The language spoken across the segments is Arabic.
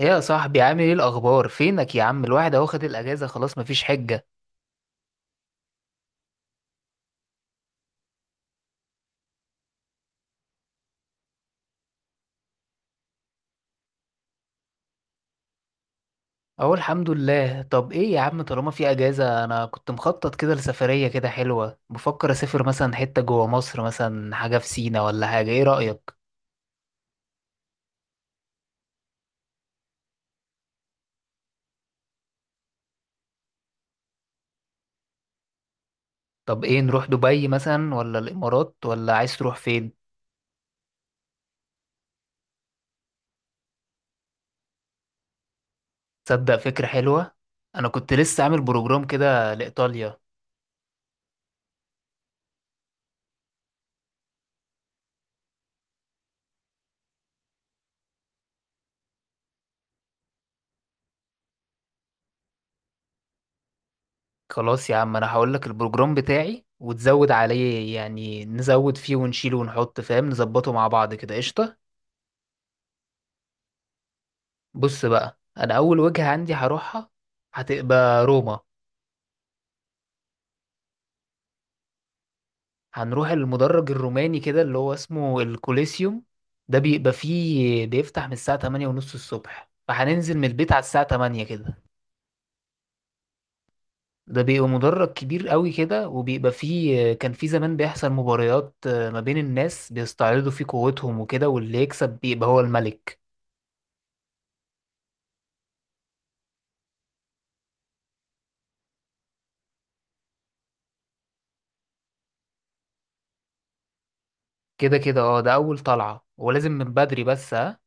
ايه يا صاحبي، عامل ايه الاخبار؟ فينك يا عم؟ الواحد اهو خد الاجازه، خلاص مفيش حجه. اهو الحمد لله. طب ايه يا عم، طالما في اجازه، انا كنت مخطط كده لسفريه كده حلوه، بفكر اسافر مثلا حته جوه مصر، مثلا حاجه في سينا ولا حاجه، ايه رايك؟ طب ايه، نروح دبي مثلا ولا الامارات، ولا عايز تروح فين؟ تصدق فكره حلوه. انا كنت لسه عامل بروجرام كده لايطاليا. خلاص يا عم، انا هقول لك البروجرام بتاعي وتزود عليه، يعني نزود فيه ونشيله ونحط فاهم، نظبطه مع بعض كده، قشطه. بص بقى، انا اول وجهة عندي هروحها هتبقى روما. هنروح المدرج الروماني كده، اللي هو اسمه الكوليسيوم. ده بيبقى فيه، بيفتح من الساعة 8 ونص الصبح، فهننزل من البيت على الساعة 8 كده. ده بيبقى مدرج كبير قوي كده، وبيبقى فيه، كان فيه زمان بيحصل مباريات ما بين الناس بيستعرضوا فيه قوتهم وكده، واللي يكسب بيبقى هو الملك. كده كده اه، ده اول طلعة ولازم من بدري، بس ها.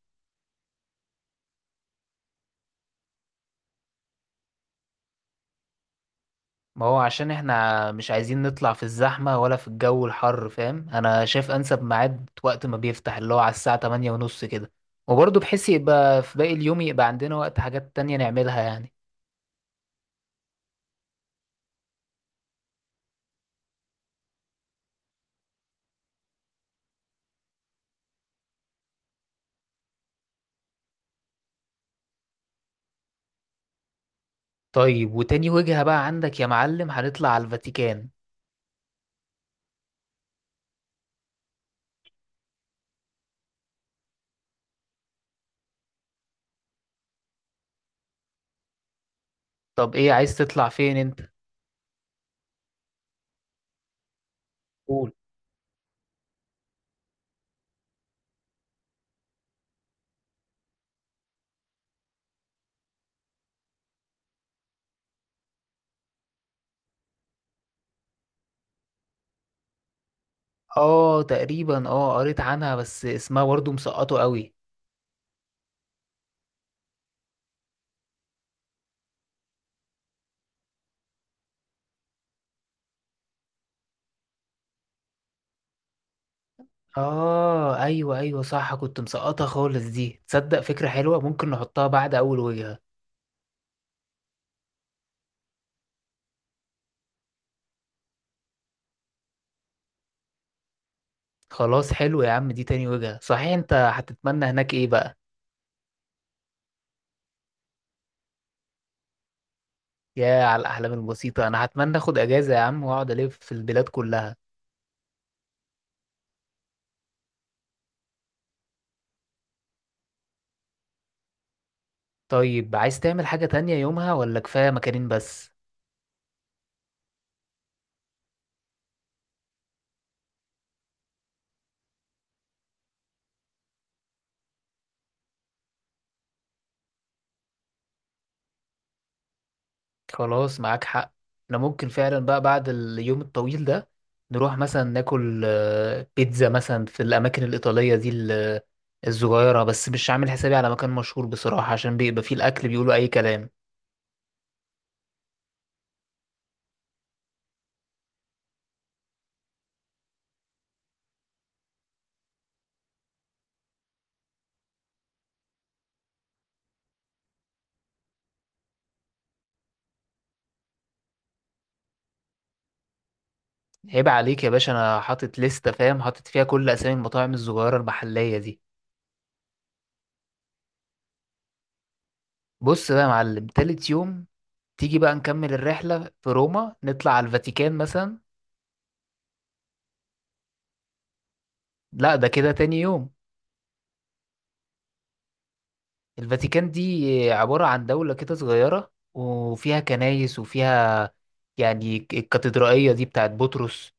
ما هو عشان احنا مش عايزين نطلع في الزحمة ولا في الجو الحر، فاهم. انا شايف انسب ميعاد وقت ما بيفتح، اللي هو على الساعة 8 ونص كده. وبرضه بحيث يبقى في باقي اليوم، يبقى عندنا وقت حاجات تانية نعملها يعني. طيب، وتاني وجهة بقى عندك يا معلم، هنطلع على الفاتيكان. طب ايه، عايز تطلع فين انت؟ قول. اه تقريبا، اه قريت عنها بس اسمها برضه مسقطه قوي. اه ايوه ايوه صح، كنت مسقطه خالص دي. تصدق فكرة حلوة، ممكن نحطها بعد اول وجهة. خلاص حلو يا عم، دي تاني وجهة. صحيح، انت هتتمنى هناك ايه بقى؟ يا على الاحلام البسيطة، انا هتمنى اخد اجازة يا عم واقعد الف في البلاد كلها. طيب، عايز تعمل حاجة تانية يومها ولا كفاية مكانين بس؟ خلاص معاك حق. احنا ممكن فعلا بقى بعد اليوم الطويل ده، نروح مثلا ناكل بيتزا مثلا، في الاماكن الايطالية دي، الصغيرة، بس مش عامل حسابي على مكان مشهور بصراحة، عشان بيبقى فيه الاكل بيقولوا اي كلام. عيب عليك يا باشا، انا حاطط لستة فاهم، حاطط فيها كل اسامي المطاعم الصغيرة المحلية دي. بص بقى يا معلم، تالت يوم تيجي بقى نكمل الرحلة في روما، نطلع على الفاتيكان مثلا. لا ده كده تاني يوم. الفاتيكان دي عبارة عن دولة كده صغيرة، وفيها كنايس، وفيها يعني الكاتدرائية دي بتاعت بطرس،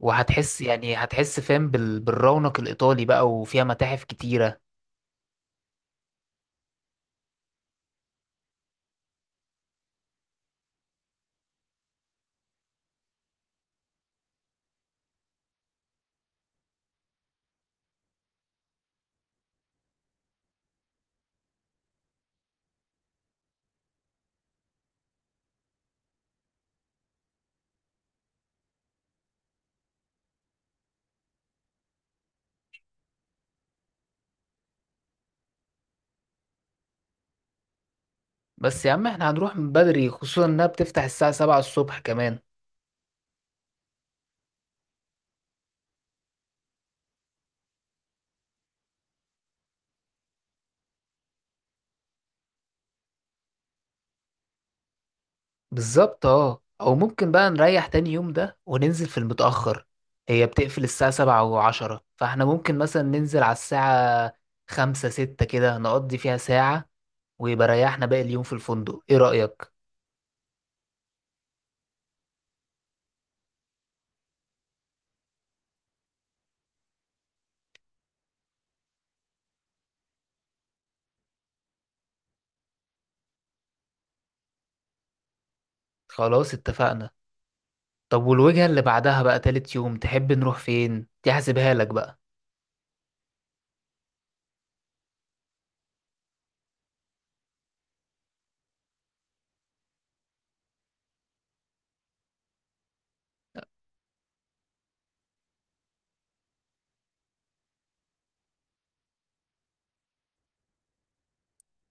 وهتحس يعني هتحس فاهم بالرونق الإيطالي بقى، وفيها متاحف كتيرة. بس يا عم، احنا هنروح من بدري، خصوصا انها بتفتح الساعة 7 الصبح كمان. بالظبط اه، او ممكن بقى نريح تاني يوم ده وننزل في المتأخر. هي بتقفل الساعة سبعة وعشرة، فاحنا ممكن مثلا ننزل على الساعة خمسة ستة كده، نقضي فيها ساعة، ويبقى ريحنا باقي اليوم في الفندق، ايه رأيك؟ خلاص اتفقنا. طب، والوجهة اللي بعدها بقى تالت يوم تحب نروح فين؟ دي هحسبها لك بقى.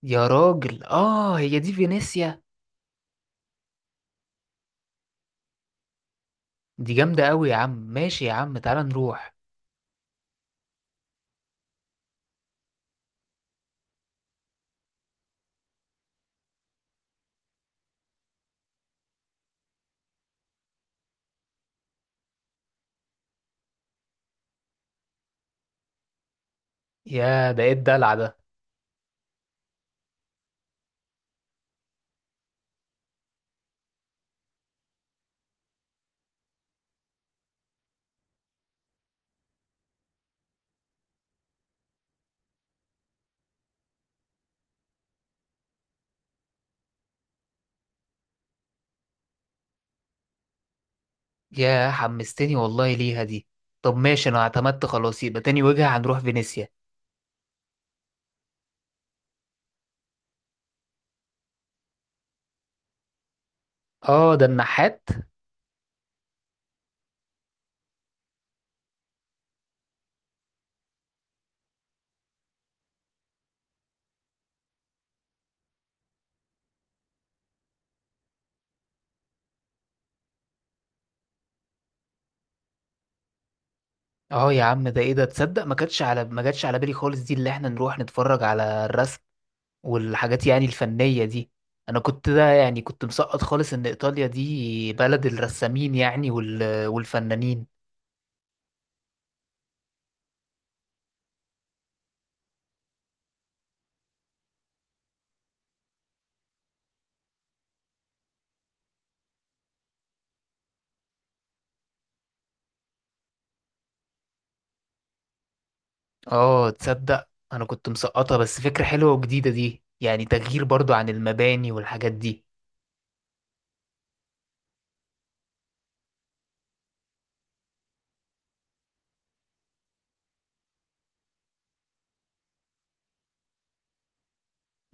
يا راجل اه، هي دي فينيسيا. دي جامدة قوي يا عم، ماشي يا عم، تعالى نروح. يا بقيت دلع. يا حمستني والله ليها دي. طب ماشي، انا اعتمدت خلاص، يبقى تاني وجهة هنروح فينيسيا. اه ده النحات. اه يا عم، ده ايه ده، تصدق ما كانتش، على ما جاتش على بالي خالص دي، اللي احنا نروح نتفرج على الرسم والحاجات يعني الفنية دي. انا كنت ده يعني كنت مسقط خالص ان ايطاليا دي بلد الرسامين يعني والفنانين. اه تصدق، انا كنت مسقطة، بس فكرة حلوة وجديدة دي، يعني تغيير برضو عن المباني والحاجات دي.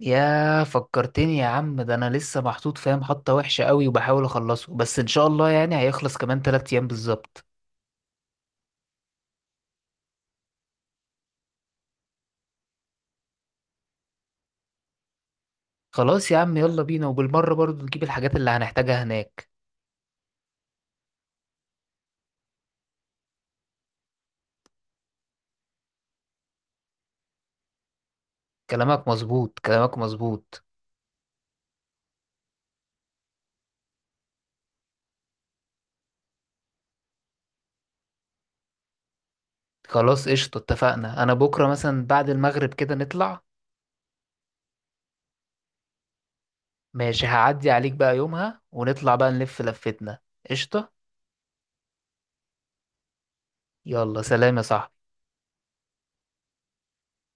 يا فكرتني يا عم، ده انا لسه محطوط فاهم حطة وحشة قوي وبحاول اخلصه، بس ان شاء الله يعني هيخلص كمان تلات ايام بالظبط. خلاص يا عم يلا بينا، وبالمرة برضو نجيب الحاجات اللي هنحتاجها هناك. كلامك مظبوط، كلامك مظبوط. خلاص قشطة اتفقنا، انا بكرة مثلا بعد المغرب كده نطلع. ماشي، هعدي عليك بقى يومها ونطلع بقى نلف لفتنا. قشطة. يلا سلام يا صاحبي.